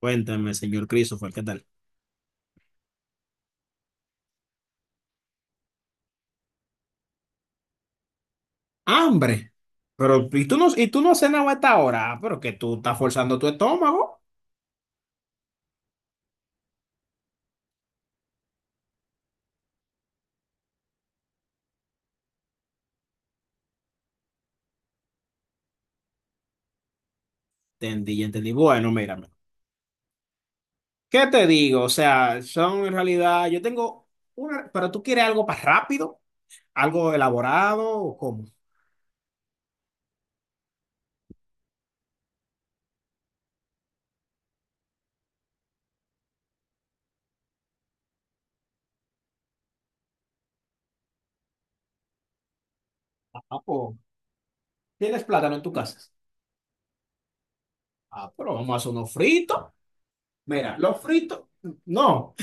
Cuéntame, señor Christopher, ¿qué tal? ¡Hambre! Pero, ¿y tú no has cenado a esta hora? Ah, pero que tú estás forzando tu estómago. Entendí, entendí. Bueno, mírame. ¿Qué te digo? O sea, son en realidad, yo tengo una, pero tú quieres algo más rápido, algo elaborado, ¿o cómo? Ah, pues, ¿tienes plátano en tu casa? Ah, pero vamos a hacer unos fritos. Mira, los fritos, no,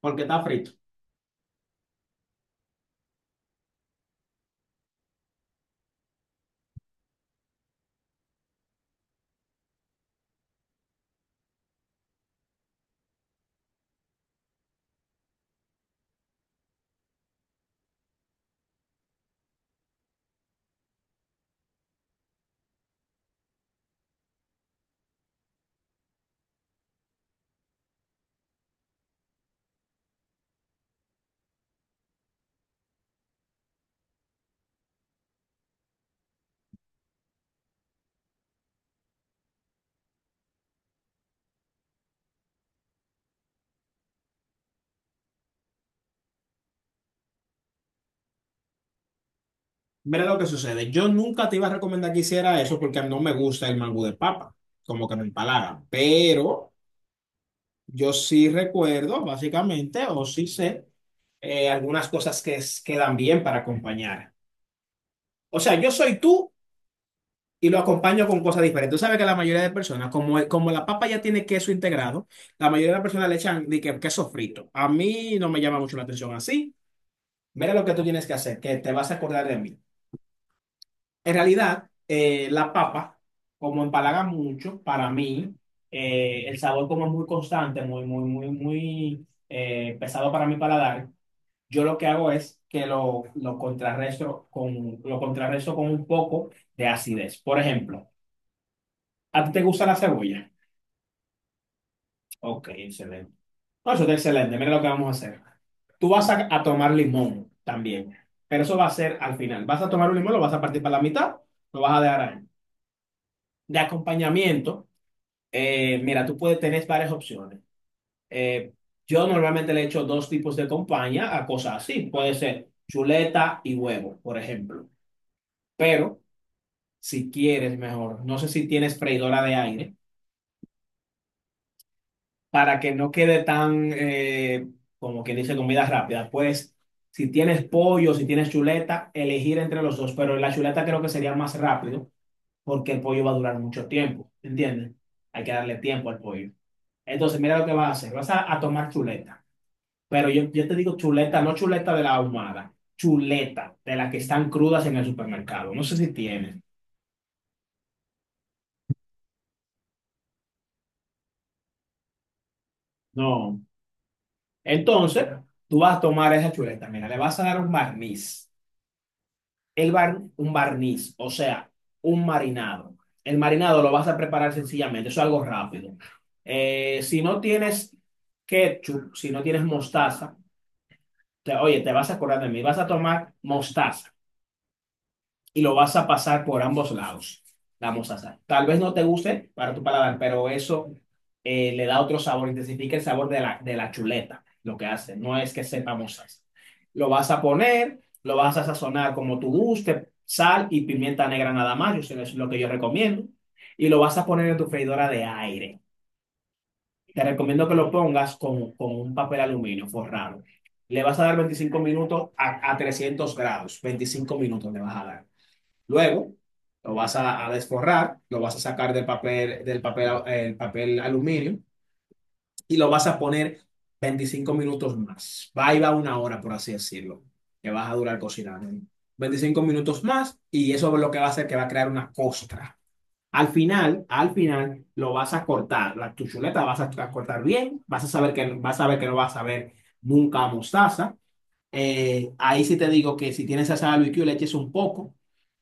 porque está frito. Mira lo que sucede. Yo nunca te iba a recomendar que hiciera eso porque a mí no me gusta el mangú de papa, como que me empalaga. Pero yo sí recuerdo, básicamente, o sí sé, algunas cosas que quedan bien para acompañar. O sea, yo soy tú y lo acompaño con cosas diferentes. Tú sabes que la mayoría de personas, como la papa ya tiene queso integrado, la mayoría de las personas le echan de que queso frito. A mí no me llama mucho la atención así. Mira lo que tú tienes que hacer, que te vas a acordar de mí. En realidad, la papa, como empalaga mucho, para mí, el sabor como es muy constante, muy, muy, muy, muy pesado para mi paladar, yo lo que hago es que lo contrarresto con un poco de acidez. Por ejemplo, ¿a ti te gusta la cebolla? Ok, excelente. No, eso está excelente. Mira lo que vamos a hacer. Tú vas a tomar limón también, pero eso va a ser al final. Vas a tomar un limón, lo vas a partir para la mitad, lo vas a dejar ahí. De acompañamiento. Mira, tú puedes tener varias opciones. Eh, yo normalmente le echo dos tipos de compañía a cosas así. Puede ser chuleta y huevo, por ejemplo. Pero si quieres mejor, no sé si tienes freidora de aire, para que no quede tan, como que dice, comida rápida. Pues si tienes pollo, si tienes chuleta, elegir entre los dos. Pero la chuleta creo que sería más rápido porque el pollo va a durar mucho tiempo. ¿Entiendes? Hay que darle tiempo al pollo. Entonces, mira lo que vas a hacer. Vas a tomar chuleta. Pero yo te digo chuleta, no chuleta de la ahumada, chuleta de las que están crudas en el supermercado. No sé si tienes. No. Entonces, tú vas a tomar esa chuleta, mira, le vas a dar un barniz. Un barniz, o sea, un marinado. El marinado lo vas a preparar sencillamente, eso es algo rápido. Si no tienes ketchup, si no tienes mostaza, oye, te vas a acordar de mí, vas a tomar mostaza. Y lo vas a pasar por ambos lados. La mostaza. Tal vez no te guste para tu paladar, pero eso le da otro sabor, intensifica el sabor de la chuleta, lo que hace. No es que sepa mostaza. Lo vas a poner, lo vas a sazonar como tú guste, sal y pimienta negra nada más, yo eso es lo que yo recomiendo. Y lo vas a poner en tu freidora de aire. Te recomiendo que lo pongas con un papel aluminio forrado. Le vas a dar 25 minutos a 300 grados. 25 minutos le vas a dar. Luego, lo vas a desforrar, lo vas a sacar el papel aluminio y lo vas a poner 25 minutos más. Va y va una hora, por así decirlo, que vas a durar cocinando. 25 minutos más y eso es lo que va a hacer que va a crear una costra. Al final, lo vas a cortar. Tu chuleta vas a cortar bien, vas a ver que no vas a ver nunca mostaza. Ahí sí te digo que si tienes salsa de barbecue le eches un poco,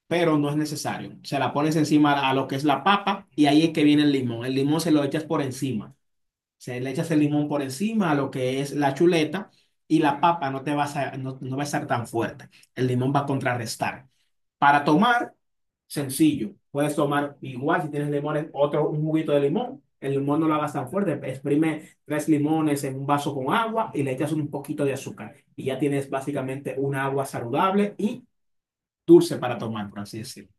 pero no es necesario. Se la pones encima a lo que es la papa y ahí es que viene el limón. El limón se lo echas por encima. Se le echas el limón por encima a lo que es la chuleta y la papa no te va a, sa- no, no va a estar tan fuerte. El limón va a contrarrestar. Para tomar, sencillo. Puedes tomar igual si tienes limones, otro, un juguito de limón. El limón no lo hagas tan fuerte. Exprime tres limones en un vaso con agua y le echas un poquito de azúcar. Y ya tienes básicamente una agua saludable y dulce para tomar, por así decirlo.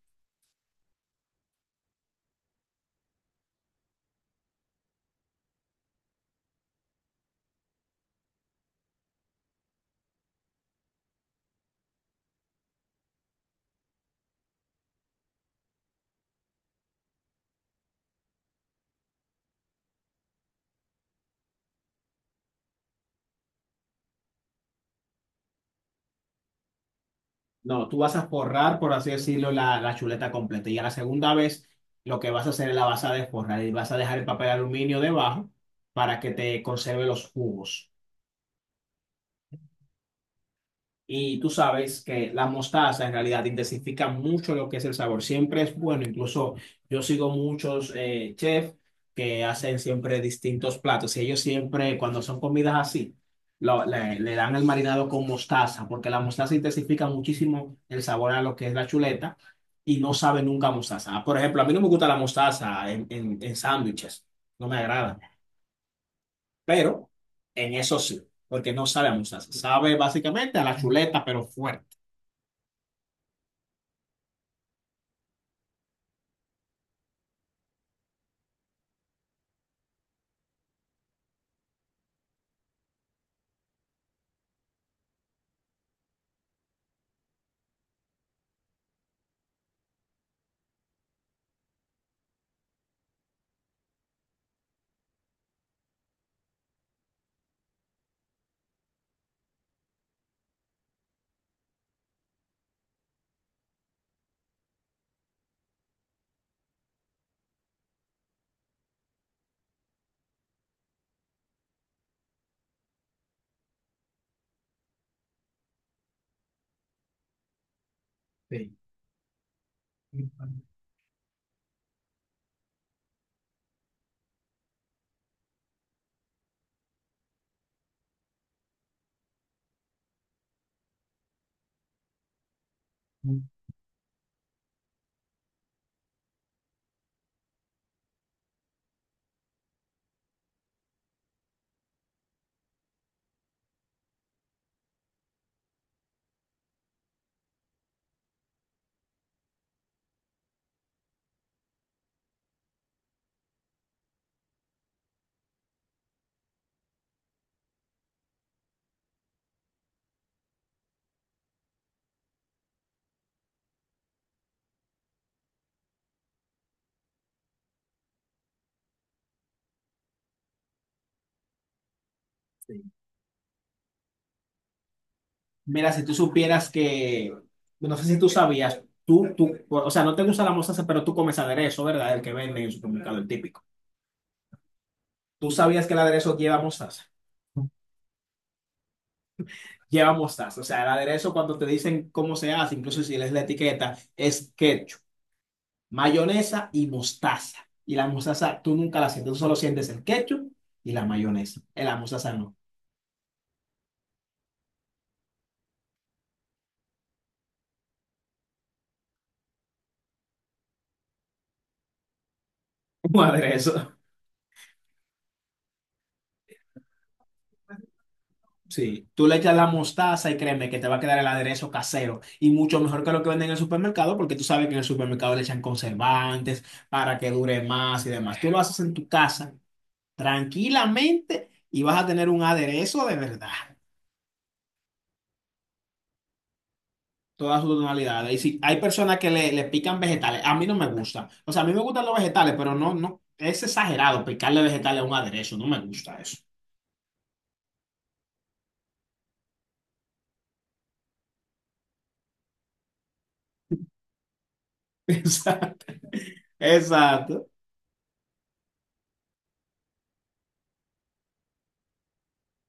No, tú vas a forrar, por así decirlo, la chuleta completa. Y a la segunda vez, lo que vas a hacer es la vas a desforrar y vas a dejar el papel de aluminio debajo para que te conserve los jugos. Y tú sabes que la mostaza en realidad intensifica mucho lo que es el sabor. Siempre es bueno. Incluso yo sigo muchos chefs que hacen siempre distintos platos. Y ellos siempre, cuando son comidas así, le dan el marinado con mostaza, porque la mostaza intensifica muchísimo el sabor a lo que es la chuleta y no sabe nunca a mostaza. Por ejemplo, a mí no me gusta la mostaza en sándwiches. No me agrada. Pero en eso sí, porque no sabe a mostaza. Sabe básicamente a la chuleta, pero fuerte. Sí. Mira, si tú supieras que, no sé si tú sabías, tú, o sea, no te gusta la mostaza, pero tú comes aderezo, ¿verdad? El que venden en el supermercado, el típico. ¿Tú sabías que el aderezo lleva mostaza? Lleva mostaza. O sea, el aderezo cuando te dicen cómo se hace, incluso si lees la etiqueta, es ketchup, mayonesa y mostaza. Y la mostaza tú nunca la sientes, tú solo sientes el ketchup y la mayonesa. En la mostaza no. Un aderezo. Sí, tú le echas la mostaza y créeme que te va a quedar el aderezo casero y mucho mejor que lo que venden en el supermercado porque tú sabes que en el supermercado le echan conservantes para que dure más y demás. Tú lo haces en tu casa tranquilamente y vas a tener un aderezo de verdad, todas sus tonalidades. Y si hay personas que le pican vegetales, a mí no me gusta. O sea, a mí me gustan los vegetales, pero no, no, es exagerado picarle vegetales a un aderezo, no me gusta eso. Exacto, exacto,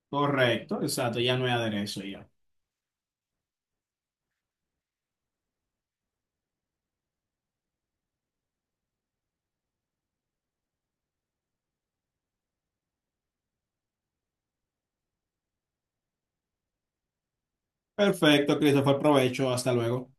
correcto, exacto, ya no hay aderezo ya. Perfecto, Christopher, provecho. Hasta luego.